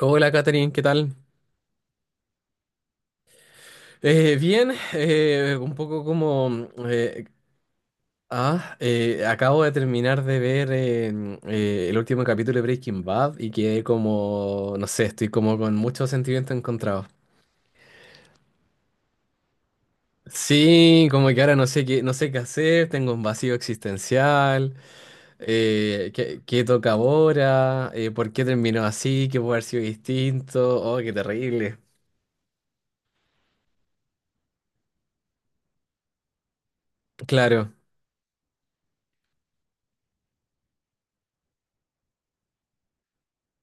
Hola, Katherine, ¿qué tal? Bien, un poco como... acabo de terminar de ver el último capítulo de Breaking Bad y quedé como... No sé, estoy como con muchos sentimientos encontrados. Sí, como que ahora no sé qué, no sé qué hacer, tengo un vacío existencial, qué, qué toca ahora. ¿Por qué terminó así? ¿Qué puede haber sido distinto? Oh, qué terrible. Claro.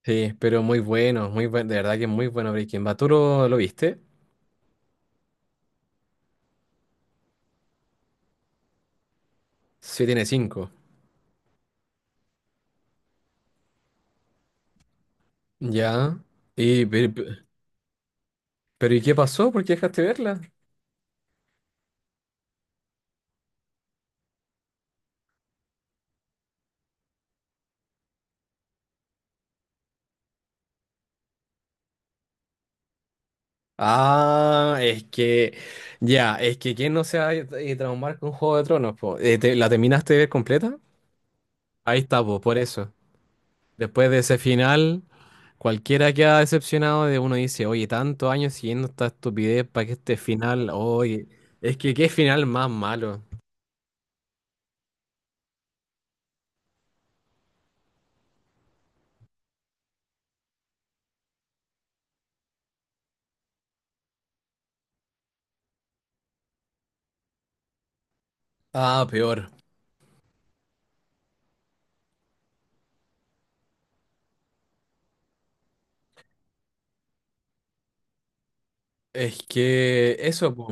Sí, pero muy bueno, muy bueno, de verdad que es muy bueno Breaking Bad. ¿Tú lo viste? Sí, tiene 5. Ya. Y, pe- pero, ¿y qué pasó? ¿Por qué dejaste verla? Ah, es que, ya, es que ¿quién no se va a traumar con Juego de Tronos, po? ¿La terminaste de ver completa? Ahí está, po, por eso. Después de ese final, cualquiera queda decepcionado. De uno dice, oye, tantos años siguiendo esta estupidez para que este final, oye, es que qué final más malo. Ah, peor. Es que eso, po.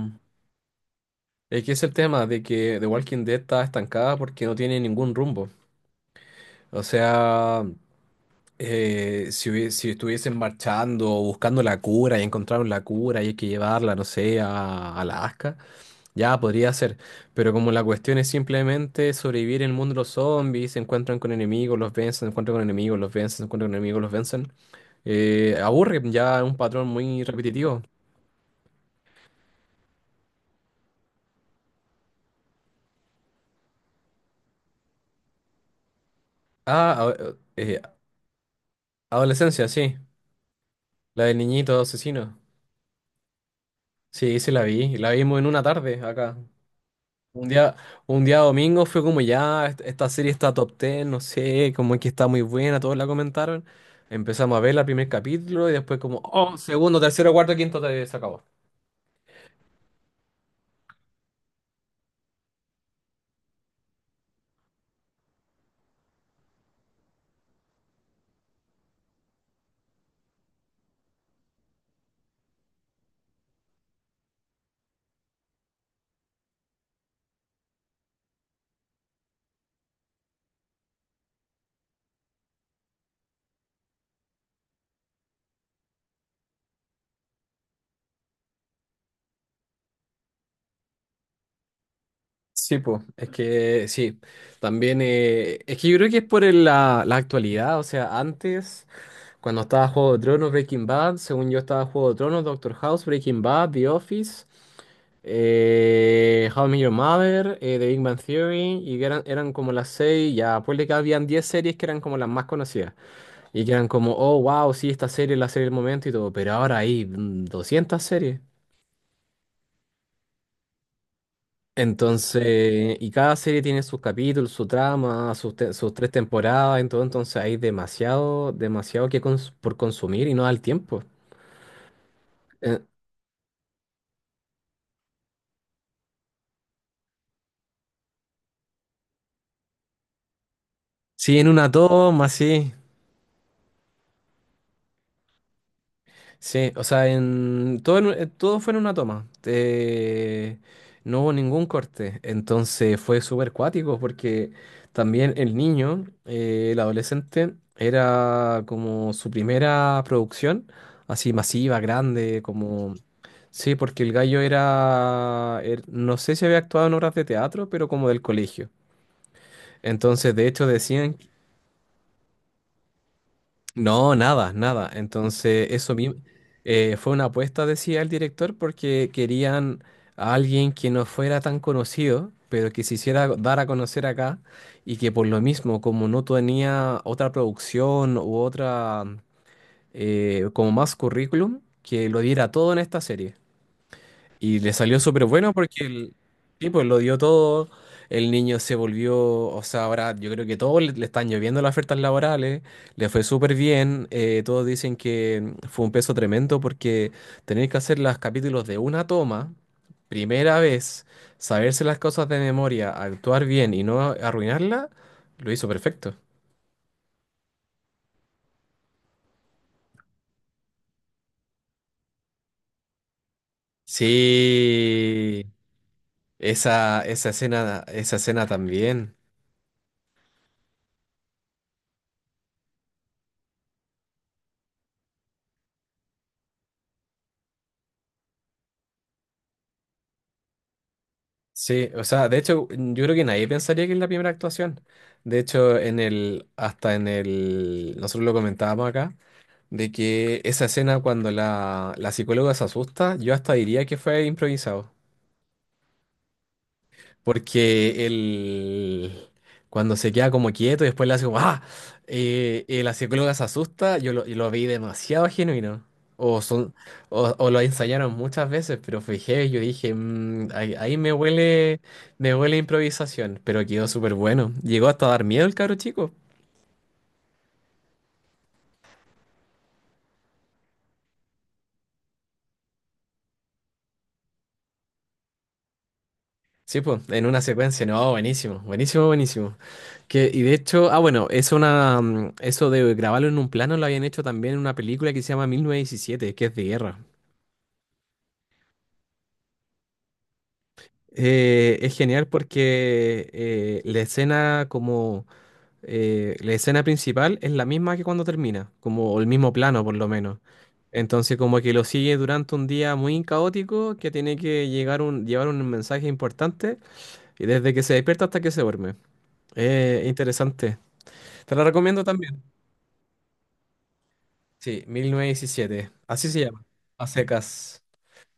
Es que es el tema de que The Walking Dead está estancada porque no tiene ningún rumbo. O sea, si estuviesen marchando, o buscando la cura y encontraron la cura y hay que llevarla, no sé, a Alaska, ya podría ser. Pero como la cuestión es simplemente sobrevivir en el mundo de los zombies, se encuentran con enemigos, los vencen, se encuentran con enemigos, los vencen, se encuentran con enemigos, los vencen, aburre, ya es un patrón muy repetitivo. Ah, a- eh, adolescencia, sí. La del niñito asesino. Sí, sí la vi. La vimos en una tarde acá. Un día, un día domingo fue como ya, esta serie está top 10, no sé, como que está muy buena, todos la comentaron. Empezamos a ver el primer capítulo y después como, oh, segundo, tercero, cuarto, quinto, se acabó. Sí, pues, es que sí. También, es que yo creo que es por la, la actualidad, o sea, antes... Cuando estaba Juego de Tronos, Breaking Bad, según yo estaba Juego de Tronos, Doctor House, Breaking Bad, The Office, How I Met Your Mother, The Big Bang Theory, y que eran, eran como las 6, ya, pues, de que habían 10 series que eran como las más conocidas, y que eran como, oh, wow, sí, esta serie es la serie del momento y todo, pero ahora hay 200 series. Entonces, y cada serie tiene sus capítulos, su trama, sus tres temporadas, entonces, entonces hay demasiado, demasiado que por consumir y no da el tiempo. Sí, en una toma, sí. Sí, o sea, en todo, todo fue en una toma. No hubo ningún corte. Entonces fue súper cuático porque también el niño, el adolescente, era como su primera producción, así masiva, grande, como... Sí, porque el gallo era, no sé si había actuado en obras de teatro, pero como del colegio. Entonces, de hecho, decían, no, nada, nada. Entonces, eso mismo fue una apuesta, decía el director, porque querían a alguien que no fuera tan conocido, pero que se hiciera dar a conocer acá y que por lo mismo, como no tenía otra producción u otra, como más currículum, que lo diera todo en esta serie. Y le salió súper bueno porque el tipo lo dio todo. El niño se volvió, o sea, ahora yo creo que todos le están lloviendo las ofertas laborales, le fue súper bien, todos dicen que fue un peso tremendo porque tener que hacer los capítulos de una toma, primera vez, saberse las cosas de memoria, actuar bien y no arruinarla, lo hizo perfecto. Sí, esa, esa escena también. Sí, o sea, de hecho, yo creo que nadie pensaría que es la primera actuación. De hecho, en el, hasta en el, nosotros lo comentábamos acá, de que esa escena cuando la psicóloga se asusta, yo hasta diría que fue improvisado. Porque él, cuando se queda como quieto y después le hace como, ¡ah! La psicóloga se asusta, y lo vi demasiado genuino. O, son, o lo ensayaron muchas veces, pero fue heavy, yo dije: "Mm, ahí, ahí me huele a improvisación", pero quedó súper bueno. Llegó hasta a dar miedo el cabro chico. Sí, pues, en una secuencia, no, buenísimo, buenísimo, buenísimo. Que, y de hecho, ah, bueno, es una, eso de grabarlo en un plano lo habían hecho también en una película que se llama 1917, que es de guerra. Es genial porque la escena principal es la misma que cuando termina, como o el mismo plano por lo menos. Entonces como que lo sigue durante un día muy caótico que tiene que llevar un mensaje importante y desde que se despierta hasta que se duerme. Interesante. Te la recomiendo también. Sí, 1917. Así se llama. A secas.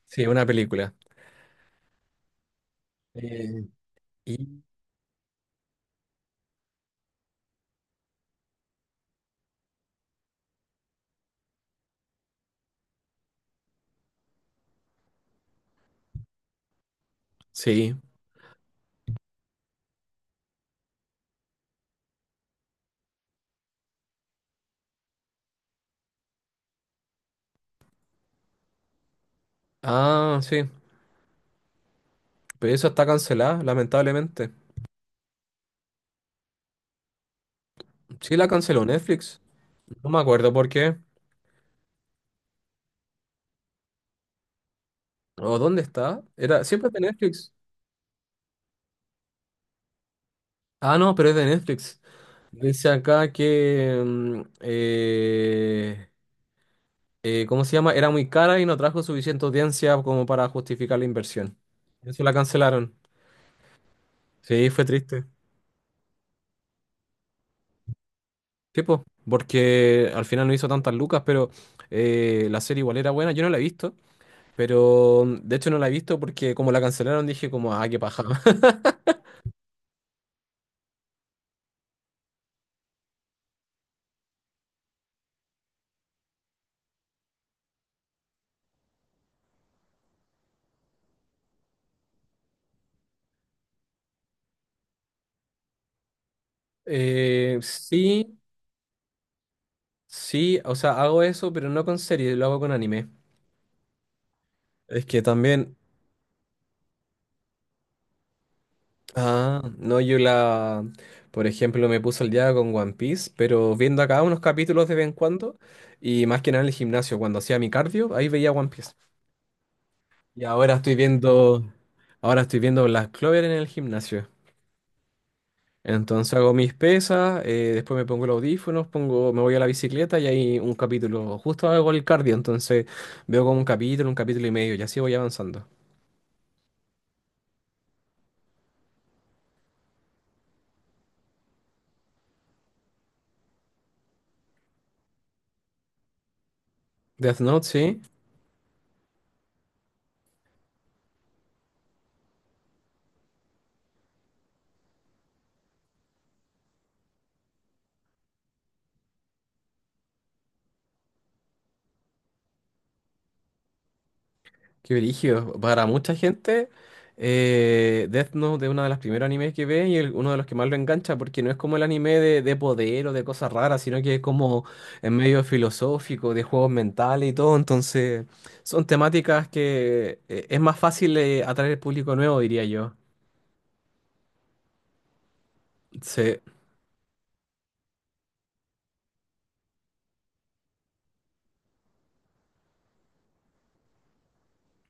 Sí, una película. Eh, y sí. Ah, sí. Pero eso está cancelada, lamentablemente. Sí, la canceló Netflix. No me acuerdo por qué. ¿O dónde está? Era, siempre es de Netflix. Ah, no, pero es de Netflix. Dice acá que... ¿cómo se llama? Era muy cara y no trajo suficiente audiencia como para justificar la inversión. Eso la cancelaron. Sí, fue triste. Tipo, porque al final no hizo tantas lucas, pero la serie igual era buena. Yo no la he visto. Pero de hecho no la he visto porque como la cancelaron dije como, ah, qué paja. Sí, sí, o sea, hago eso, pero no con series, lo hago con anime. Es que también, ah, no, yo la, por ejemplo, me puso el día con One Piece, pero viendo acá unos capítulos de vez en cuando, y más que nada en el gimnasio, cuando hacía mi cardio, ahí veía One Piece. Y ahora estoy viendo Black Clover en el gimnasio. Entonces hago mis pesas, después me pongo los audífonos, pongo, me voy a la bicicleta y hay un capítulo. Justo hago el cardio, entonces veo como un capítulo y medio, y así voy avanzando. Death Note, sí, qué brillo. Para mucha gente, Death Note es uno de los primeros animes que ve y uno de los que más lo engancha, porque no es como el anime de poder o de cosas raras, sino que es como en medio filosófico, de juegos mentales y todo. Entonces, son temáticas que es más fácil atraer al público nuevo, diría yo. Sí,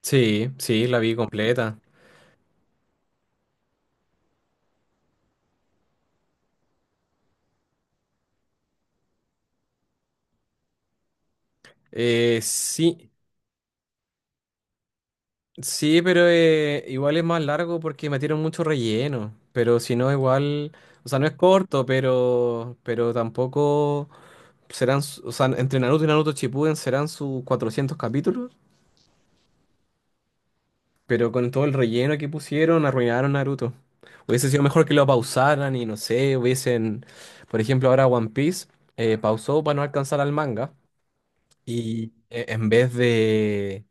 sí, sí, la vi completa. Sí, sí, pero igual es más largo porque metieron mucho relleno. Pero si no, igual, o sea, no es corto, pero tampoco serán, o sea, entre Naruto y Naruto Shippuden serán sus 400 capítulos. Pero con todo el relleno que pusieron, arruinaron Naruto. Hubiese sido mejor que lo pausaran y no sé, hubiesen, por ejemplo, ahora One Piece pausó para no alcanzar al manga. Y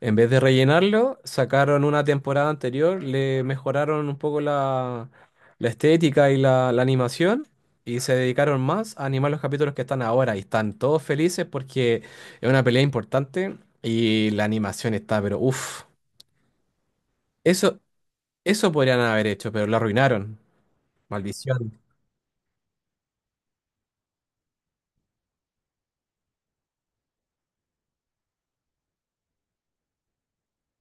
en vez de rellenarlo, sacaron una temporada anterior, le mejoraron un poco la, la estética y la animación y se dedicaron más a animar los capítulos que están ahora y están todos felices porque es una pelea importante y la animación está, pero uff, eso, eso podrían haber hecho, pero lo arruinaron. Maldición.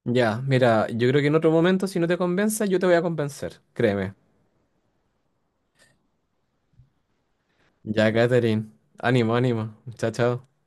Ya, mira, yo creo que en otro momento, si no te convenza, yo te voy a convencer, créeme. Ya, Catherine, ánimo, ánimo. Chao, chao.